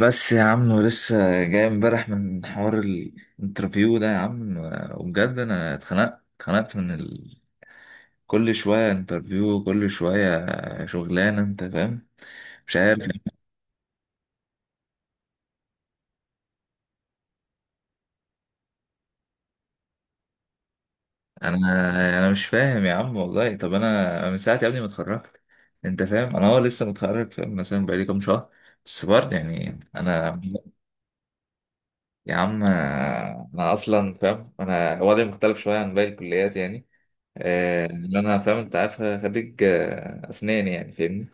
بس يا عم ولسه جاي امبارح من حوار الانترفيو ده يا عم. وبجد انا اتخنقت كل شوية انترفيو كل شوية، شغلانة انت فاهم. مش عارف. انا انا مش فاهم يا عم والله. طب انا من ساعة يا ابني ما اتخرجت انت فاهم. انا هو لسه متخرج فاهم، مثلا بقالي كام شهر بس برضه يعني انا. يا عم انا اصلا فاهم انا وضعي مختلف شوية عن باقي الكليات يعني. ان انا فاهم انت عارف خريج اسنان يعني فاهمني.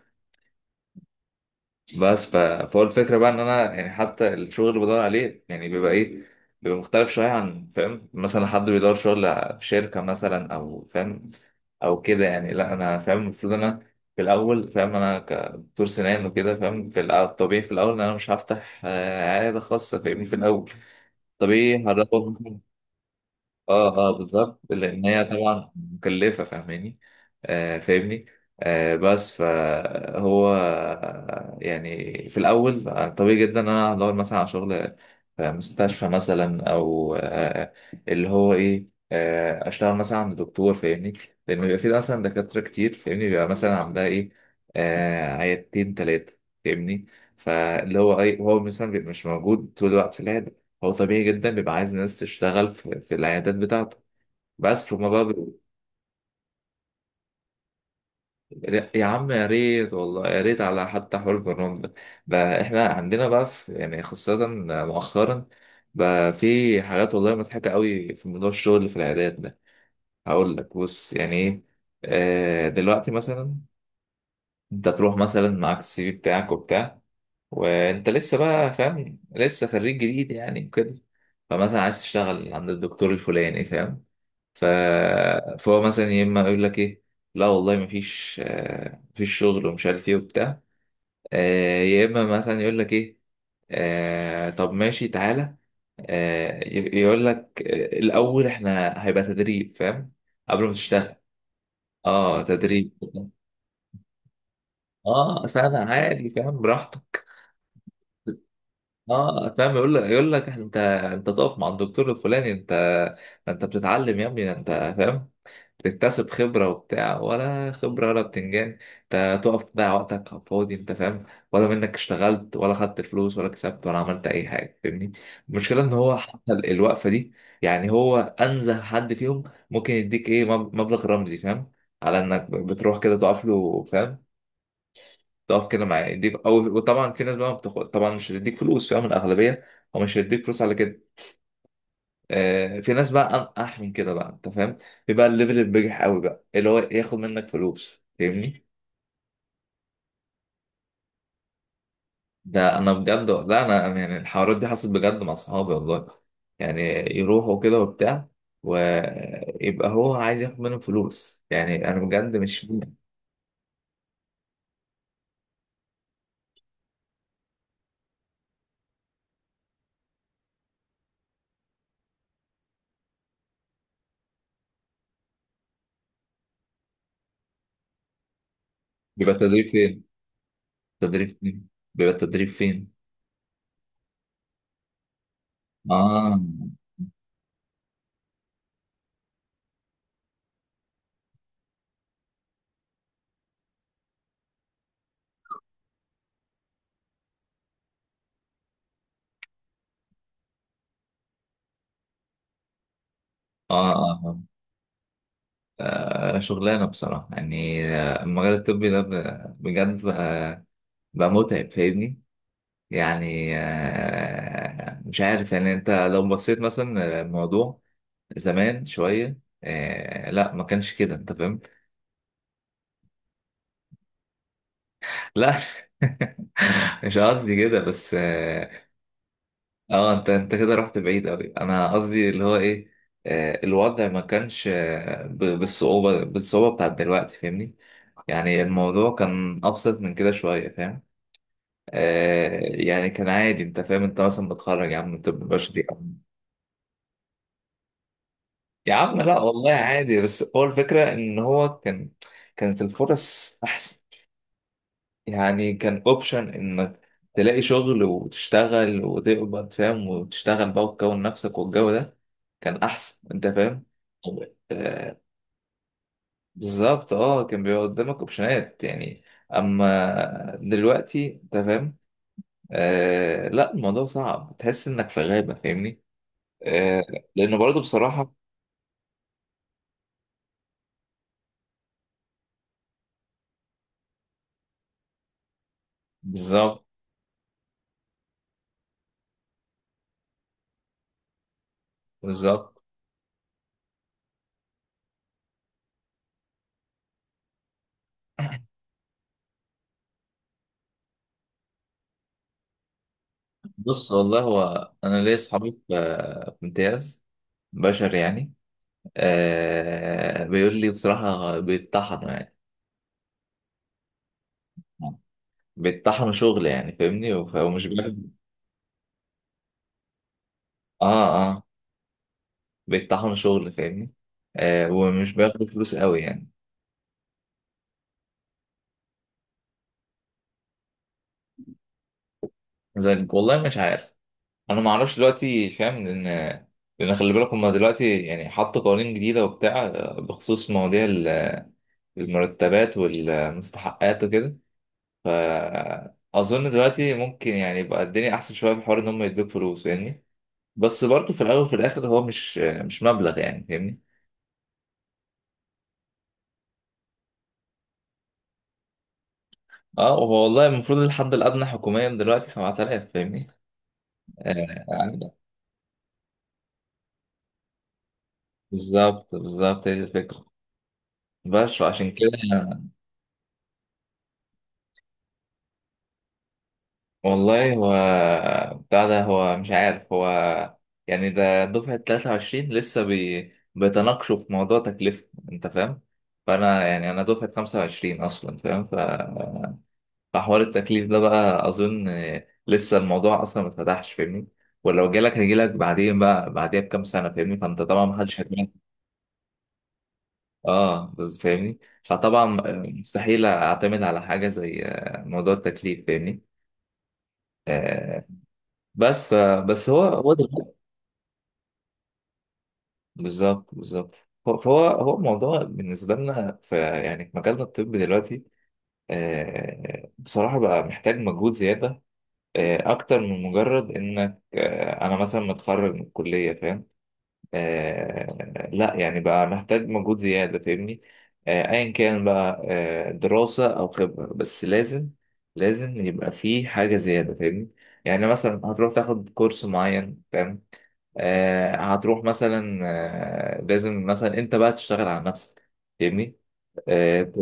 بس فهو الفكره بقى ان انا يعني حتى الشغل اللي بدور عليه يعني بيبقى ايه، بيبقى مختلف شويه عن فاهم، مثلا حد بيدور شغل في شركه مثلا او فاهم او كده يعني. لا انا فاهم المفروض انا في الاول فاهم انا كدكتور سنان وكده فاهم في الطبيعي في الاول ان انا مش هفتح عياده خاصه فاهمني في الاول طبيعي هروح. اه اه بالظبط لان هي طبعا مكلفه فاهماني. آه فاهمني. آه بس فهو يعني في الاول طبيعي جدا ان انا هدور مثلا على شغل في مستشفى مثلا او آه اللي هو ايه، آه اشتغل مثلا عند دكتور فاهمني. لان بيبقى في مثلا دكاتره كتير فاهمني بيبقى مثلا عندها ايه، آه عيادتين ثلاثه فاهمني. فاللي هو ايه هو مثلا بيبقى مش موجود طول الوقت لا، هو طبيعي جدا بيبقى عايز ناس تشتغل في العيادات بتاعته. بس هما بقى بي... يا عم يا ريت والله يا ريت على حتى حوار البرنامج ده بقى. احنا عندنا بقى في يعني خاصة مؤخرا بقى في حاجات والله مضحكة قوي في موضوع الشغل اللي في العيادات ده. هقول لك بص يعني ايه. دلوقتي مثلا انت تروح مثلا معاك السي في بتاعك وبتاع، وانت لسه بقى فاهم لسه خريج جديد يعني كده. فمثلا عايز تشتغل عند الدكتور الفلاني فاهم. ف... فهو مثلا يا اما يقول لك ايه، لا والله مفيش مفيش شغل ومش عارف ايه وبتاع. يا اما مثلا يقول لك ايه، طب ماشي تعالى. يقول لك الاول احنا هيبقى تدريب فاهم قبل ما تشتغل. اه تدريب. اه سنة عادي فاهم براحتك. اه فاهم يقول لك انت انت تقف مع الدكتور الفلاني انت، انت بتتعلم يا ابني انت فاهم، بتكتسب خبره وبتاع ولا خبره ولا بتنجان. انت تقف تضيع وقتك على الفاضي انت فاهم، ولا منك اشتغلت ولا خدت فلوس ولا كسبت ولا عملت اي حاجه فاهمني. المشكله ان هو حتى الوقفه دي يعني هو انزه حد فيهم ممكن يديك ايه مبلغ رمزي فاهم، على انك بتروح كده تقف له فاهم، تقف كده معاه يديك او، وطبعا في ناس بقى ما بتاخد طبعا مش هتديك فلوس فاهم، الاغلبيه هو مش هيديك فلوس على كده. آه في ناس بقى انقح من كده بقى انت فاهم، بيبقى الليفل البجح قوي بقى اللي هو ياخد منك فلوس فاهمني. ده انا بجد لا انا يعني الحوارات دي حصلت بجد مع صحابي والله يعني، يروحوا كده وبتاع ويبقى هو عايز ياخد منهم فلوس يعني انا بجد مش فاهم. بيبقى التدريب فين؟ التدريب فين؟ بيبقى التدريب فين؟ اه اه اه. شغلانة بصراحة يعني المجال الطبي ده بجد بقى، بقى متعب فاهمني. يعني مش عارف يعني انت لو بصيت مثلا الموضوع زمان شوية لا ما كانش كده انت فاهم. لا مش قصدي كده بس اه. انت انت كده رحت بعيد قوي انا قصدي اللي هو ايه. الوضع ما كانش بالصعوبة بتاعت دلوقتي فاهمني. يعني الموضوع كان أبسط من كده شوية فاهم. آه يعني كان عادي انت فاهم، انت مثلا متخرج يا عم من طب بشري أو- يا عم لا والله عادي. بس هو الفكرة ان هو كان، كانت الفرص احسن. يعني كان اوبشن انك تلاقي شغل وتشتغل وتقبض فاهم وتشتغل بقى وتكون نفسك والجو ده كان احسن انت فاهم. آه بالظبط اه كان بيبقى قدامك اوبشنات يعني. اما دلوقتي انت فاهم، آه لا الموضوع صعب تحس انك في غابة فاهمني. آه، لأنه برضه بصراحة، بالظبط بالظبط. بص والله هو انا ليا اصحابي في امتياز بشر يعني. آه بيقول لي بصراحه بيتطحنوا يعني. بيتطحنوا شغل يعني فاهمني وف- ومش بياخدوا. اه اه. بيتطحنوا شغل فاهمني. آه ومش بياخدوا فلوس قوي يعني. زي والله مش عارف. انا ما اعرفش دلوقتي فاهم لان خلي بالك هما دلوقتي يعني حطوا قوانين جديده وبتاع بخصوص مواضيع المرتبات والمستحقات وكده. فأظن دلوقتي ممكن يعني يبقى الدنيا أحسن شوية في حوار إن هم يدوك فلوس فاهمني. بس برضه في الأول وفي الآخر هو مش مبلغ يعني فاهمني. اه هو والله المفروض الحد الأدنى حكوميا دلوقتي 7000 فاهمني. آه يعني. بالظبط بالظبط هي دي الفكرة بس فعشان كده. والله هو بتاع ده هو مش عارف هو يعني ده دفعة 23 بيتناقشوا في موضوع تكلفة انت فاهم. فانا يعني انا دفعة 25 اصلا فاهم. فحوار التكليف ده بقى اظن لسه الموضوع اصلا ما اتفتحش فاهمني. ولو جالك هيجيلك بعدين بقى بعديها بكام سنة فاهمني. فانت طبعا ما حدش هيجيلك. اه بس فاهمني. فطبعا مستحيل اعتمد على حاجة زي موضوع التكليف فاهمني. آه، بس بس هو ده بالظبط بالظبط. هو الموضوع بالنسبة لنا في يعني في مجالنا الطبي دلوقتي، بصراحة بقى محتاج مجهود زيادة، أكتر من مجرد إنك أنا مثلا متخرج من الكلية فاهم. لا يعني بقى محتاج مجهود زيادة فاهمني. أيا كان بقى دراسة أو خبرة بس لازم، لازم يبقى فيه حاجة زيادة فاهمني. يعني مثلا هتروح تاخد كورس معين فاهم، هتروح مثلا لازم مثلا انت بقى تشتغل على نفسك فاهمني. آه،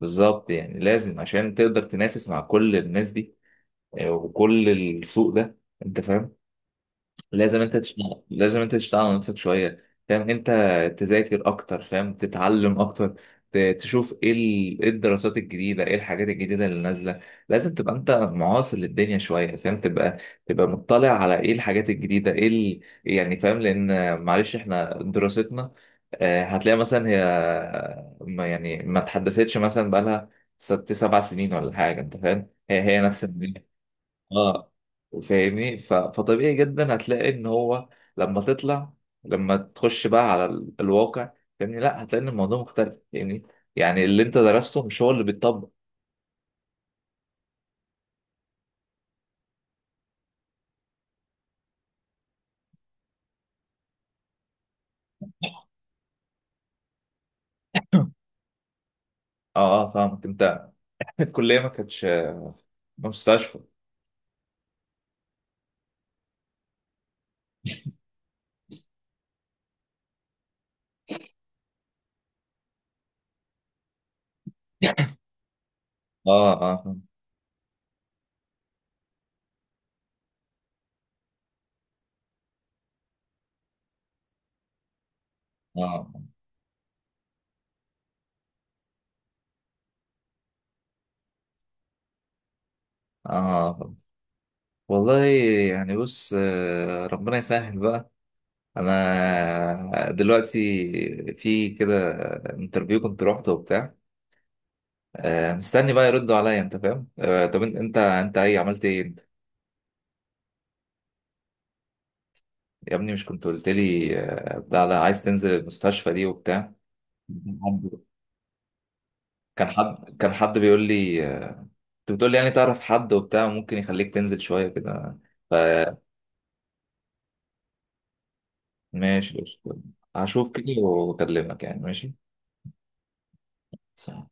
بالظبط يعني لازم عشان تقدر تنافس مع كل الناس دي وكل السوق ده انت فاهم. لازم انت تشتغل لازم انت تشتغل على نفسك شويه فاهم، انت تذاكر اكتر فاهم تتعلم اكتر تشوف ايه ايه الدراسات الجديده ايه الحاجات الجديده اللي نازله. لازم تبقى انت معاصر للدنيا شويه فاهم، تبقى مطلع على ايه الحاجات الجديده ايه يعني فاهم. لان معلش احنا دراستنا هتلاقي مثلا هي ما يعني ما اتحدثتش مثلا بقالها 6 7 سنين ولا حاجه انت فاهم. هي نفس. اه فاهمني فطبيعي جدا هتلاقي ان هو لما تطلع لما تخش بقى على الواقع فاهمني، لا هتلاقي ان الموضوع مختلف فاهمني. يعني اللي انت درسته مش هو اللي بيتطبق. اه اه فاهمك انت. الكليه ما كانتش مستشفى. اه اه فاهم. اه اه فاهم. والله يعني بص ربنا يسهل بقى. انا دلوقتي في كده انترفيو كنت روحته وبتاع مستني بقى يردوا عليا انت فاهم. طب انت ايه عملت ايه انت؟ يا ابني مش كنت قلت لي بتاع ده عايز تنزل المستشفى دي وبتاع؟ كان حد بيقول لي انت بتقول لي يعني تعرف حد وبتاع ممكن يخليك تنزل شويه كده. فماشي هشوف كده واكلمك يعني ماشي. صح.